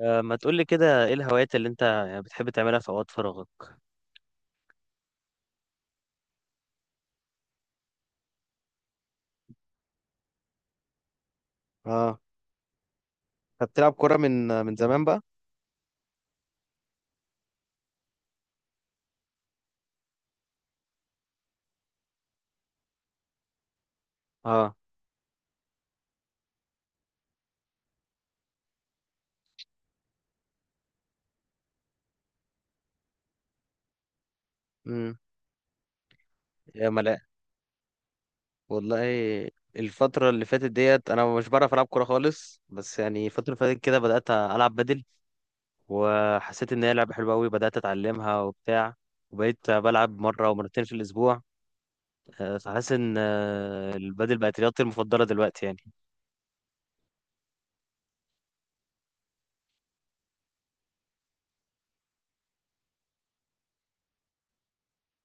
ما تقولي كده، ايه الهوايات اللي انت يعني بتحب تعملها في اوقات فراغك؟ اه. طب بتلعب كورة من زمان بقى؟ اه. امم. يا ملاء. والله الفترة اللي فاتت ديت انا مش بعرف العب كورة خالص، بس يعني الفترة اللي فاتت كده بدأت العب بدل. وحسيت ان هي لعبة حلوة قوي، بدأت اتعلمها وبتاع. وبقيت بلعب مرة ومرتين في الاسبوع. فحاسس ان البدل بقت رياضتي المفضلة دلوقتي يعني.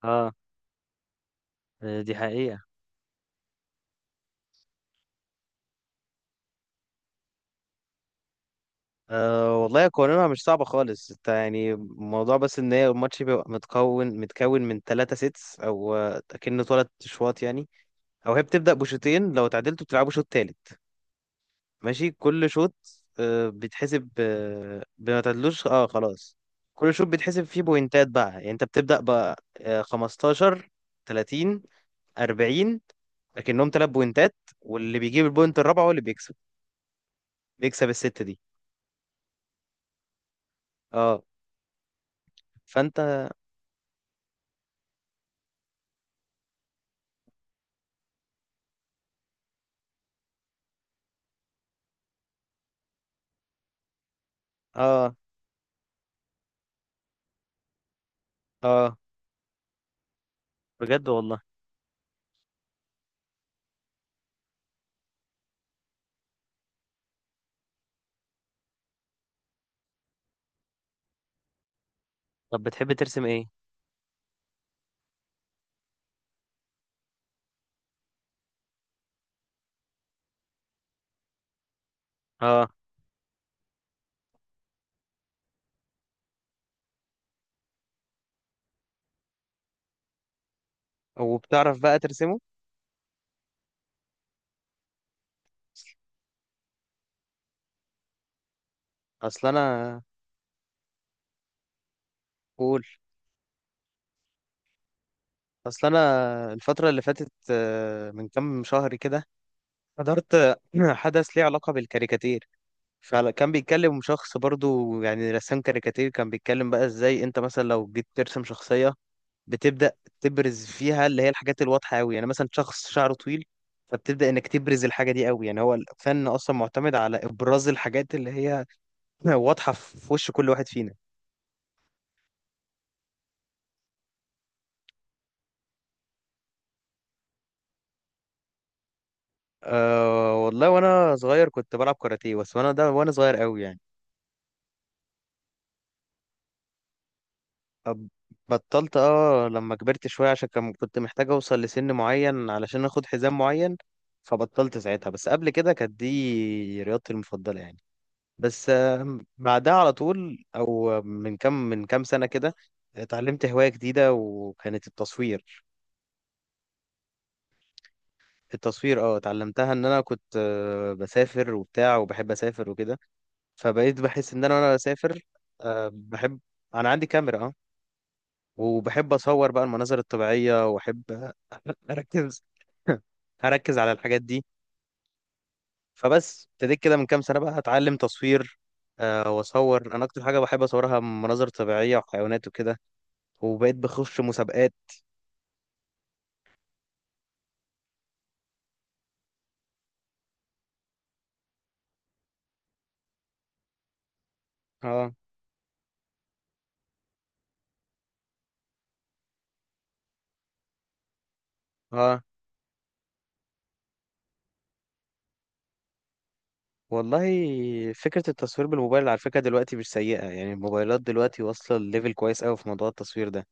اه. دي حقيقة. أه والله قوانينها مش صعبة خالص، انت يعني الموضوع بس ان هي الماتش بيبقى متكون من ثلاثة سيتس، او اكن ثلاث شوط يعني. او هي بتبدأ بشوطين، لو تعادلتوا بتلعبوا شوط تالت. ماشي. كل شوط بيتحسب بما تعادلوش، اه خلاص. كل شوط بيتحسب فيه بوينتات بقى، يعني انت بتبدأ بقى 15، 30، 40. لكنهم ثلاث بوينتات، واللي بيجيب البوينت الرابعة هو اللي بيكسب، بيكسب الست دي. اه. فانت. اه. اه. بجد والله. طب بتحب ترسم ايه؟ اه. وبتعرف بقى ترسمه؟ اصل انا. قول. اصل انا الفتره اللي فاتت من كام شهر كده حضرت حدث ليه علاقه بالكاريكاتير. فكان بيتكلم شخص برضو يعني رسام كاريكاتير، كان بيتكلم بقى ازاي انت مثلا لو جيت ترسم شخصيه، بتبدا تبرز فيها اللي هي الحاجات الواضحه قوي، يعني مثلا شخص شعره طويل، فبتبدا انك تبرز الحاجه دي قوي. يعني هو الفن اصلا معتمد على ابراز الحاجات اللي هي واضحه في وش كل واحد فينا. أه والله وانا صغير كنت بلعب كاراتيه، بس وانا ده وانا صغير قوي يعني. أب- بطلت اه لما كبرت شويه، عشان كان كنت محتاج اوصل لسن معين علشان اخد حزام معين. فبطلت ساعتها، بس قبل كده كانت دي رياضتي المفضله يعني. بس بعدها على طول، او من كام سنه كده اتعلمت هوايه جديده وكانت التصوير. التصوير اه، اتعلمتها ان انا كنت بسافر وبتاع وبحب اسافر وكده. فبقيت بحس ان انا وانا بسافر بحب. انا عندي كاميرا اه، وبحب اصور بقى المناظر الطبيعيه، واحب اركز. اركز على الحاجات دي. فبس ابتديت كده من كام سنه بقى اتعلم تصوير. واصور انا اكتر حاجه بحب اصورها مناظر طبيعيه وحيوانات وكده. وبقيت بخش مسابقات. اه. اه. والله. فكره التصوير بالموبايل على فكره دلوقتي مش سيئه يعني، الموبايلات دلوقتي واصله لليفل كويس قوي في موضوع التصوير ده.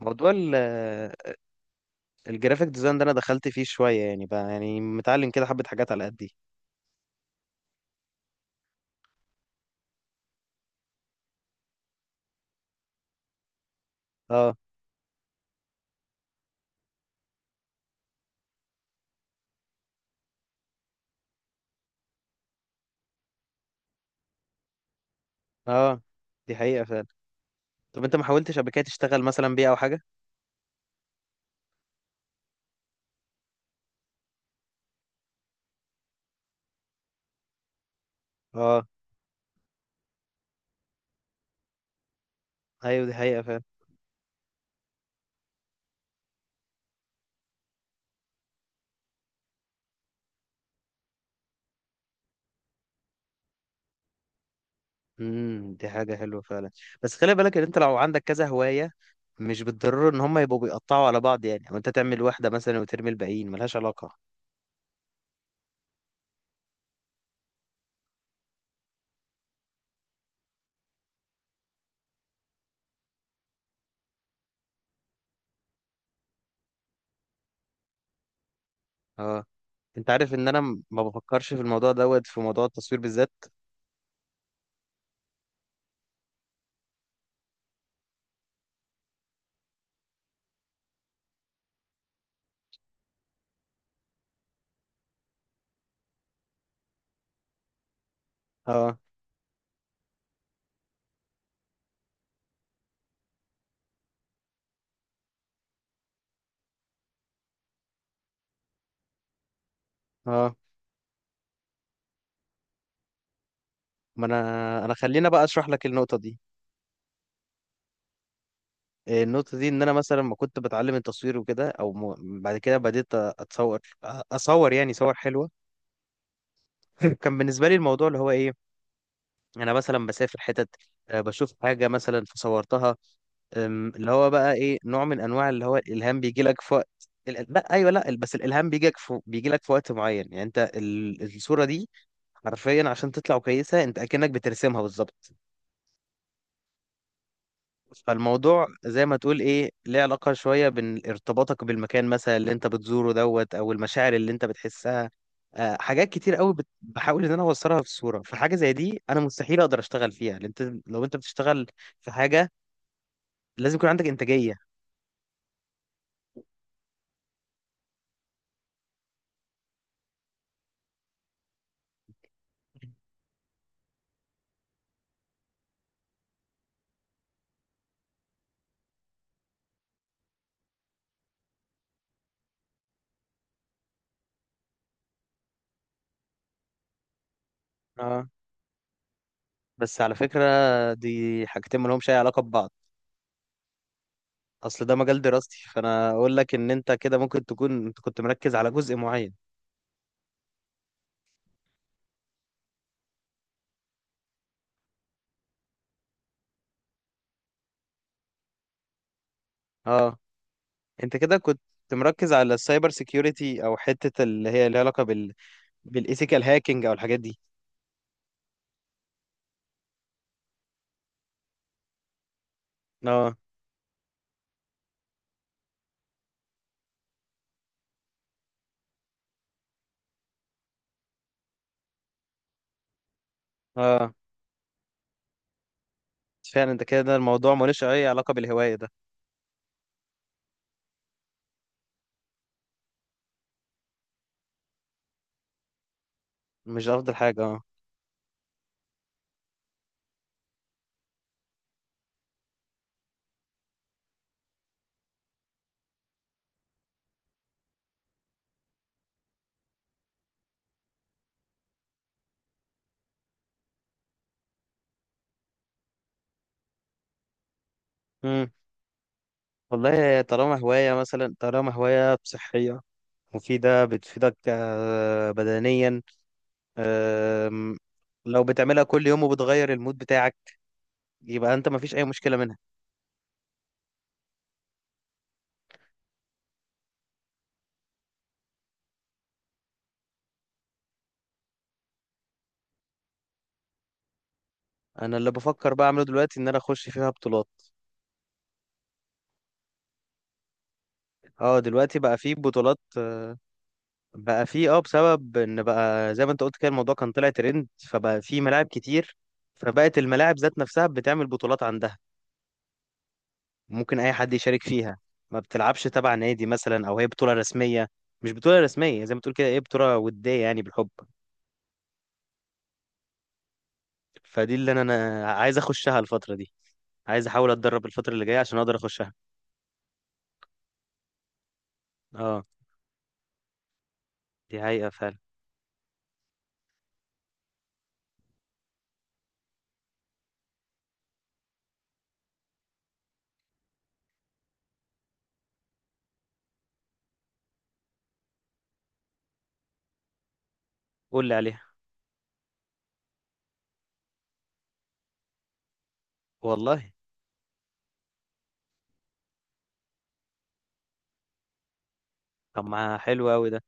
موضوع الجرافيك ديزاين ده انا دخلت فيه شويه يعني بقى، يعني متعلم كده حبه حاجات على قدي. اه. اه. دي حقيقه فعلا. طب انت ما حاولتش قبل كده تشتغل مثلا بيه او حاجه؟ اه. ايوه دي حقيقه فعلا. امم. دي حاجه حلوه فعلا. بس خلي بالك ان انت لو عندك كذا هوايه، مش بالضروره ان هم يبقوا بيقطعوا على بعض يعني، او انت تعمل واحده مثلا وترمي الباقيين ملهاش علاقه. اه. انت عارف ان انا ما بفكرش في الموضوع دوت، في موضوع التصوير بالذات. اه. اه. ما انا خلينا بقى اشرح لك النقطه دي. إيه النقطة دي؟ إن أنا مثلا ما كنت بتعلم التصوير وكده، أو بعد كده بديت أتصور، أصور يعني صور حلوة. كان بالنسبة لي الموضوع اللي هو إيه، أنا مثلا بسافر حتت، بشوف حاجة مثلا فصورتها. اللي هو بقى إيه، نوع من أنواع اللي هو الإلهام بيجي لك في وقت. لا أيوه لا، بس الإلهام بيجي لك في... بيجي لك في وقت معين. يعني أنت الصورة دي حرفيا عشان تطلع كويسة، أنت أكنك بترسمها بالظبط. فالموضوع زي ما تقول ايه ليه علاقة شوية بين ارتباطك بالمكان مثلا اللي انت بتزوره دوت، او المشاعر اللي انت بتحسها. حاجات كتير قوي بحاول ان انا اوصلها في صورة، فحاجة زي دي انا مستحيل اقدر اشتغل فيها، لان انت لو انت بتشتغل في حاجة لازم يكون عندك انتاجية. اه. بس على فكرة دي حاجتين ما لهمش اي علاقة ببعض. اصل ده مجال دراستي، فانا اقول لك ان انت كده ممكن تكون انت كنت مركز على جزء معين. اه. انت كده كنت مركز على السايبر سيكيورتي، او حتة اللي هي ليها علاقة بالايثيكال هاكينج او الحاجات دي. اه. اه. فعلا انت كده الموضوع ملوش اي علاقة بالهواية ده. مش افضل حاجة اه. امم. والله طالما هواية مثلا، طالما هواية صحية مفيدة بتفيدك بدنيا، آم، لو بتعملها كل يوم وبتغير المود بتاعك، يبقى انت مفيش اي مشكلة منها. انا اللي بفكر بقى اعمله دلوقتي ان انا اخش فيها بطولات. اه دلوقتي بقى في بطولات. بقى في اه، بسبب ان بقى زي ما انت قلت كده الموضوع كان طلع ترند، فبقى في ملاعب كتير، فبقت الملاعب ذات نفسها بتعمل بطولات عندها، ممكن اي حد يشارك فيها. ما بتلعبش تبع نادي مثلا او هي بطولة رسمية، مش بطولة رسمية زي ما تقول كده ايه بطولة ودية يعني بالحب. فدي اللي انا عايز اخشها الفترة دي، عايز احاول اتدرب الفترة اللي جاية عشان اقدر اخشها. اه دي حقيقة فعلا. قول لي عليها. والله. طب ما حلو قوي ده.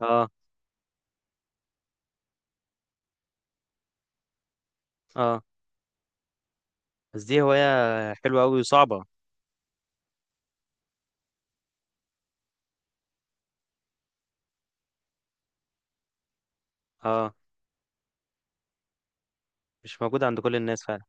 اه. اه. بس دي هواية حلوة قوي وصعبة. اه. مش موجودة عند كل الناس فعلا.